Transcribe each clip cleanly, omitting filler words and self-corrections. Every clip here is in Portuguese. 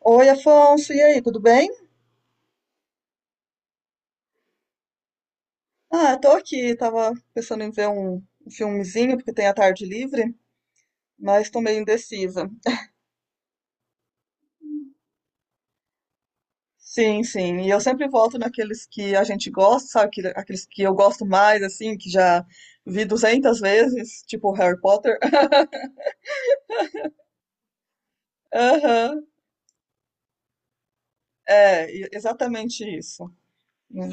Oi, Afonso, e aí, tudo bem? Ah, tô aqui, tava pensando em ver um filmezinho, porque tem a tarde livre, mas tô meio indecisa. Sim, sim, e eu sempre volto naqueles que a gente gosta, sabe? Aqueles que eu gosto mais, assim, que já vi 200 vezes, tipo Harry Potter. Aham, é, exatamente isso. Né?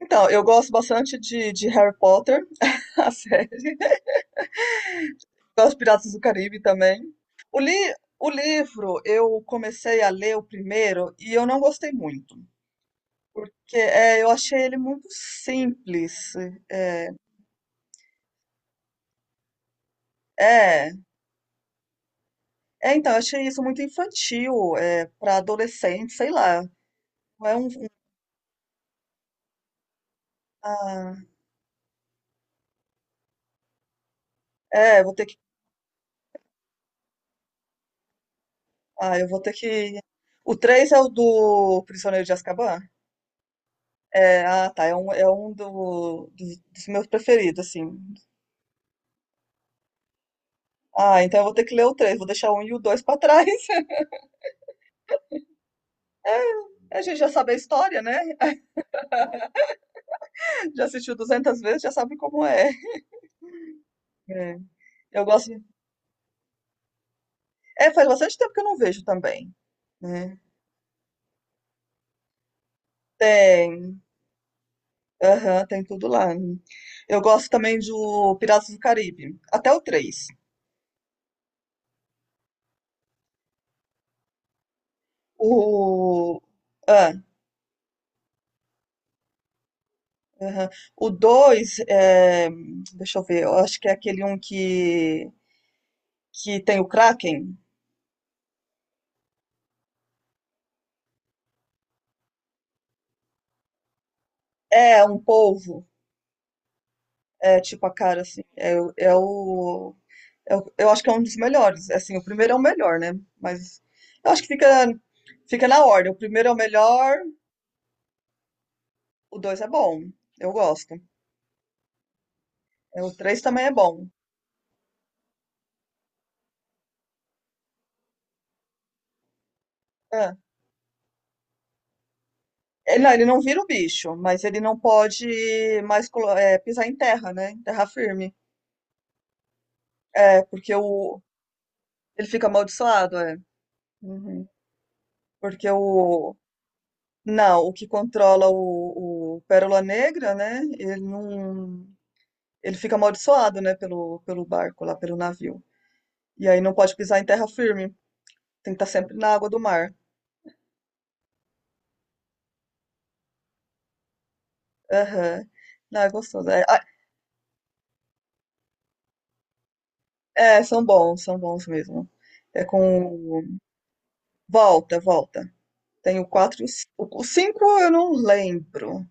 Então, eu gosto bastante de Harry Potter, a série. Os Piratas do Caribe também. O livro, eu comecei a ler o primeiro e eu não gostei muito, porque é, eu achei ele muito simples. É, é, é, então, eu achei isso muito infantil, é, para adolescente, sei lá. Não é, ah, é, vou ter que, ah, eu vou ter que. O três é o do Prisioneiro de Azkaban? É, ah, tá, é um, é um dos meus preferidos, assim. Ah, então eu vou ter que ler o três, vou deixar o um e o 2 pra trás. A gente já sabe a história, né? Já assistiu 200 vezes, já sabe como é. É. Eu gosto. É, faz bastante tempo que eu não vejo também, né? Tem, aham, tem tudo lá. Eu gosto também do Piratas do Caribe, até o três. O. Ah, aham. O 2 é... deixa eu ver, eu acho que é aquele um que tem o Kraken. É um polvo, é tipo a cara assim. É, é o. Eu acho que é um dos melhores. Assim, o primeiro é o melhor, né? Mas eu acho que fica na ordem. O primeiro é o melhor, o dois é bom. Eu gosto. É, o três também é bom. É. Ele não vira o bicho, mas ele não pode mais pisar em terra, né? Em terra firme. É, porque ele fica amaldiçoado, é. Uhum. Porque o. Não, o que controla o Pérola Negra, né? Ele não. Ele fica amaldiçoado, né? Pelo barco lá, pelo navio. E aí não pode pisar em terra firme. Tem que estar sempre na água do mar. Aham. Não, é gostoso. É, ah, é, são bons mesmo. É com. Volta, volta. Tem o quatro e o cinco. O cinco eu não lembro.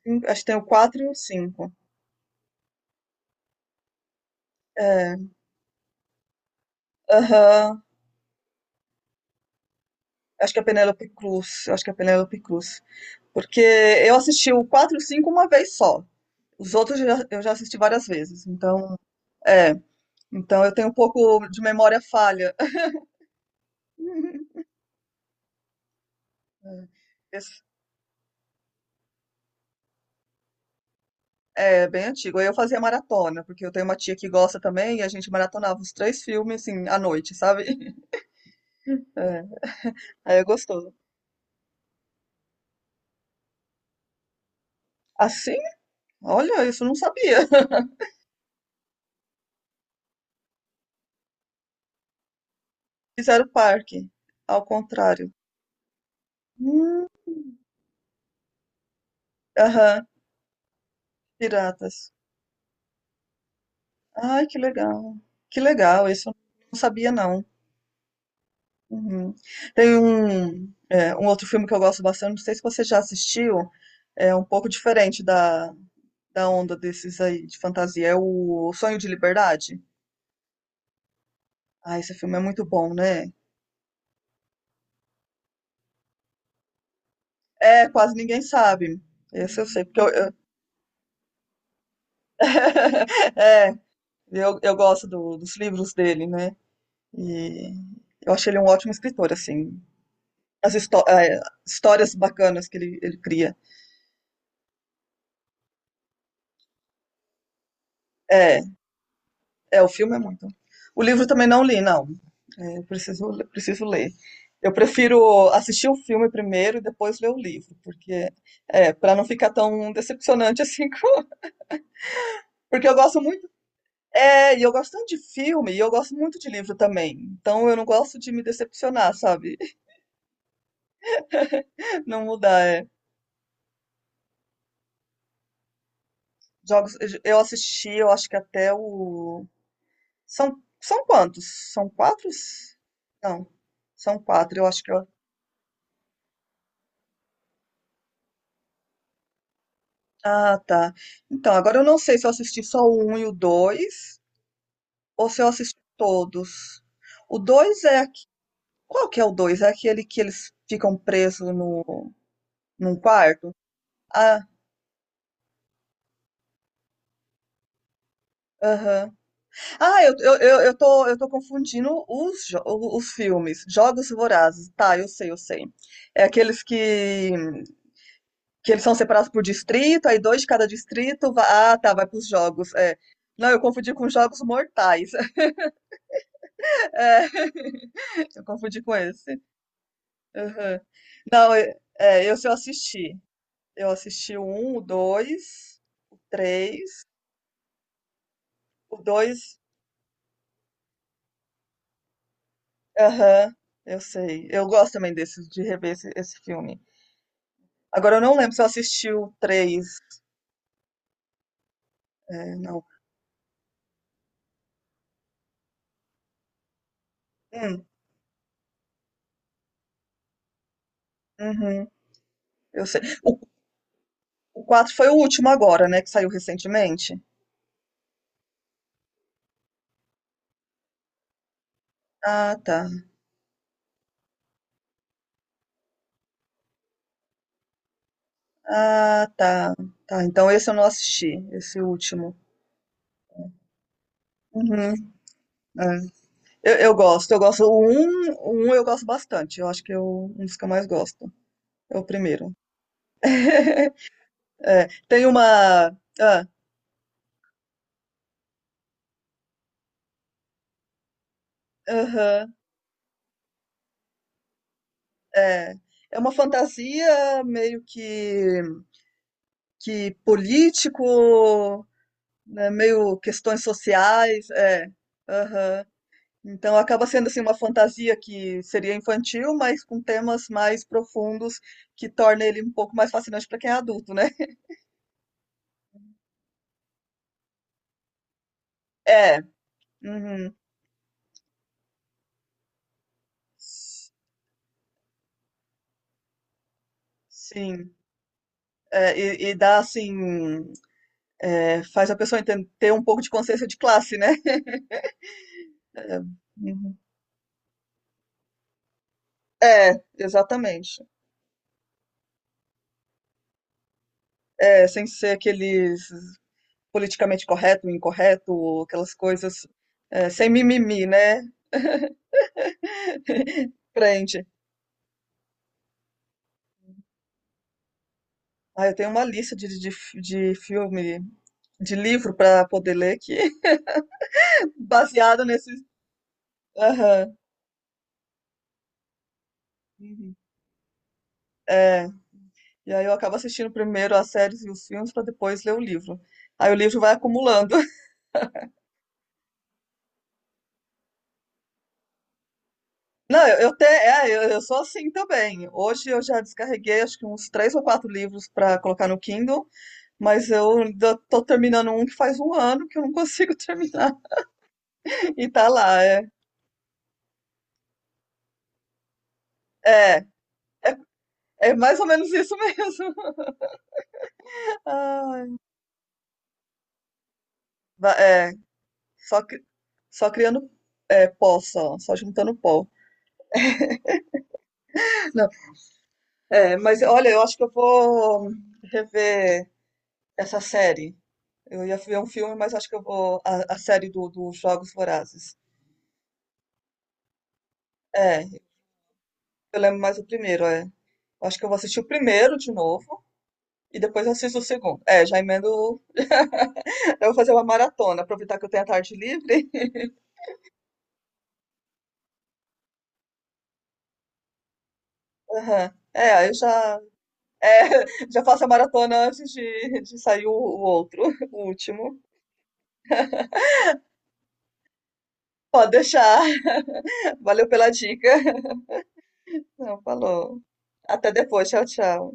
Acho que tem o 4 e o cinco. É. Aham. Acho que é Penélope Cruz. Acho que é Penélope Cruz. Porque eu assisti o 4 e o 5 uma vez só. Os outros eu já assisti várias vezes. Então, é. Então eu tenho um pouco de memória falha. É. É, bem antigo. Eu fazia maratona, porque eu tenho uma tia que gosta também, e a gente maratonava os três filmes, assim, à noite, sabe? É, aí é gostoso. Assim? Olha, isso eu não sabia. Fizeram parque, ao contrário. Hum. Aham, piratas. Ai, que legal. Que legal, isso eu não sabia, não. Uhum. Tem um outro filme que eu gosto bastante, não sei se você já assistiu, é um pouco diferente da onda desses aí de fantasia, é o Sonho de Liberdade. Ah, esse filme é muito bom, né? É, quase ninguém sabe. Esse eu sei, porque eu. É, eu gosto dos livros dele, né? E eu acho ele um ótimo escritor, assim. As histórias bacanas que ele cria. É, é, o filme é muito. O livro também não li, não. É, eu preciso, preciso ler. Eu prefiro assistir o filme primeiro e depois ler o livro, porque é, para não ficar tão decepcionante assim, porque eu gosto muito. É, e eu gosto tanto de filme e eu gosto muito de livro também. Então eu não gosto de me decepcionar, sabe? Não mudar, é. Jogos, eu assisti, eu acho que até o. São quantos? São quatro? Não, são quatro, eu acho que eu. Ah, tá. Então, agora eu não sei se eu assisti só o um e o dois, ou se eu assisti todos. O dois é. Qual que é o dois? É aquele que eles ficam presos no, num quarto? Ah, aham. Ah, eu tô confundindo os filmes. Jogos Vorazes. Tá, eu sei, eu sei. É aqueles que eles são separados por distrito, aí dois de cada distrito. Ah, tá, vai pros jogos. É. Não, eu confundi com Jogos Mortais. É, eu confundi com esse. Uhum. Não, é, é, esse eu assisti. Eu assisti o um, o dois, o três, o dois. Aham, eu sei. Eu gosto também desses, de rever esse filme. Agora eu não lembro se eu assisti o três. É, não. Hum, uhum, eu sei. O quatro foi o último agora, né? Que saiu recentemente. Ah, tá. Ah, tá. Tá, então esse eu não assisti, esse último. Uhum, é. Eu gosto, eu gosto. O um eu gosto bastante. Eu acho que eu um dos que eu mais gosto. É o primeiro. É, tem uma. Ah, aham, é. É uma fantasia meio que político, né, meio questões sociais, é. Aham. Então acaba sendo assim uma fantasia que seria infantil, mas com temas mais profundos que torna ele um pouco mais fascinante para quem é adulto, né? É. Uhum. S- Sim. É, e dá assim, é, faz a pessoa ter um pouco de consciência de classe, né? Uhum. É, exatamente. É, sem ser aqueles politicamente correto, incorreto, aquelas coisas, é, sem mimimi, né? Prende. Ah, eu tenho uma lista de filme, de livro para poder ler que baseado nesses. Aham. Uhum. É. E aí eu acabo assistindo primeiro as séries e os filmes para depois ler o livro. Aí o livro vai acumulando. Não, eu sou assim também. Hoje eu já descarreguei acho que uns três ou quatro livros para colocar no Kindle, mas eu ainda tô terminando um que faz um ano que eu não consigo terminar. E tá lá, é. É, é mais ou menos isso mesmo. Ai. É. Só, só criando, é, pó, só juntando pó. Não, é, mas olha, eu acho que eu vou rever essa série. Eu ia ver um filme, mas acho que eu vou. A série dos Jogos Vorazes. É, eu lembro mais o primeiro, é. Eu acho que eu vou assistir o primeiro de novo e depois eu assisto o segundo. É, já emendo. Eu vou fazer uma maratona, aproveitar que eu tenho a tarde livre. Aham. É, aí eu já, é, já faço a maratona antes de sair o outro, o último. Pode deixar. Valeu pela dica. Não, falou. Até depois. Tchau, tchau.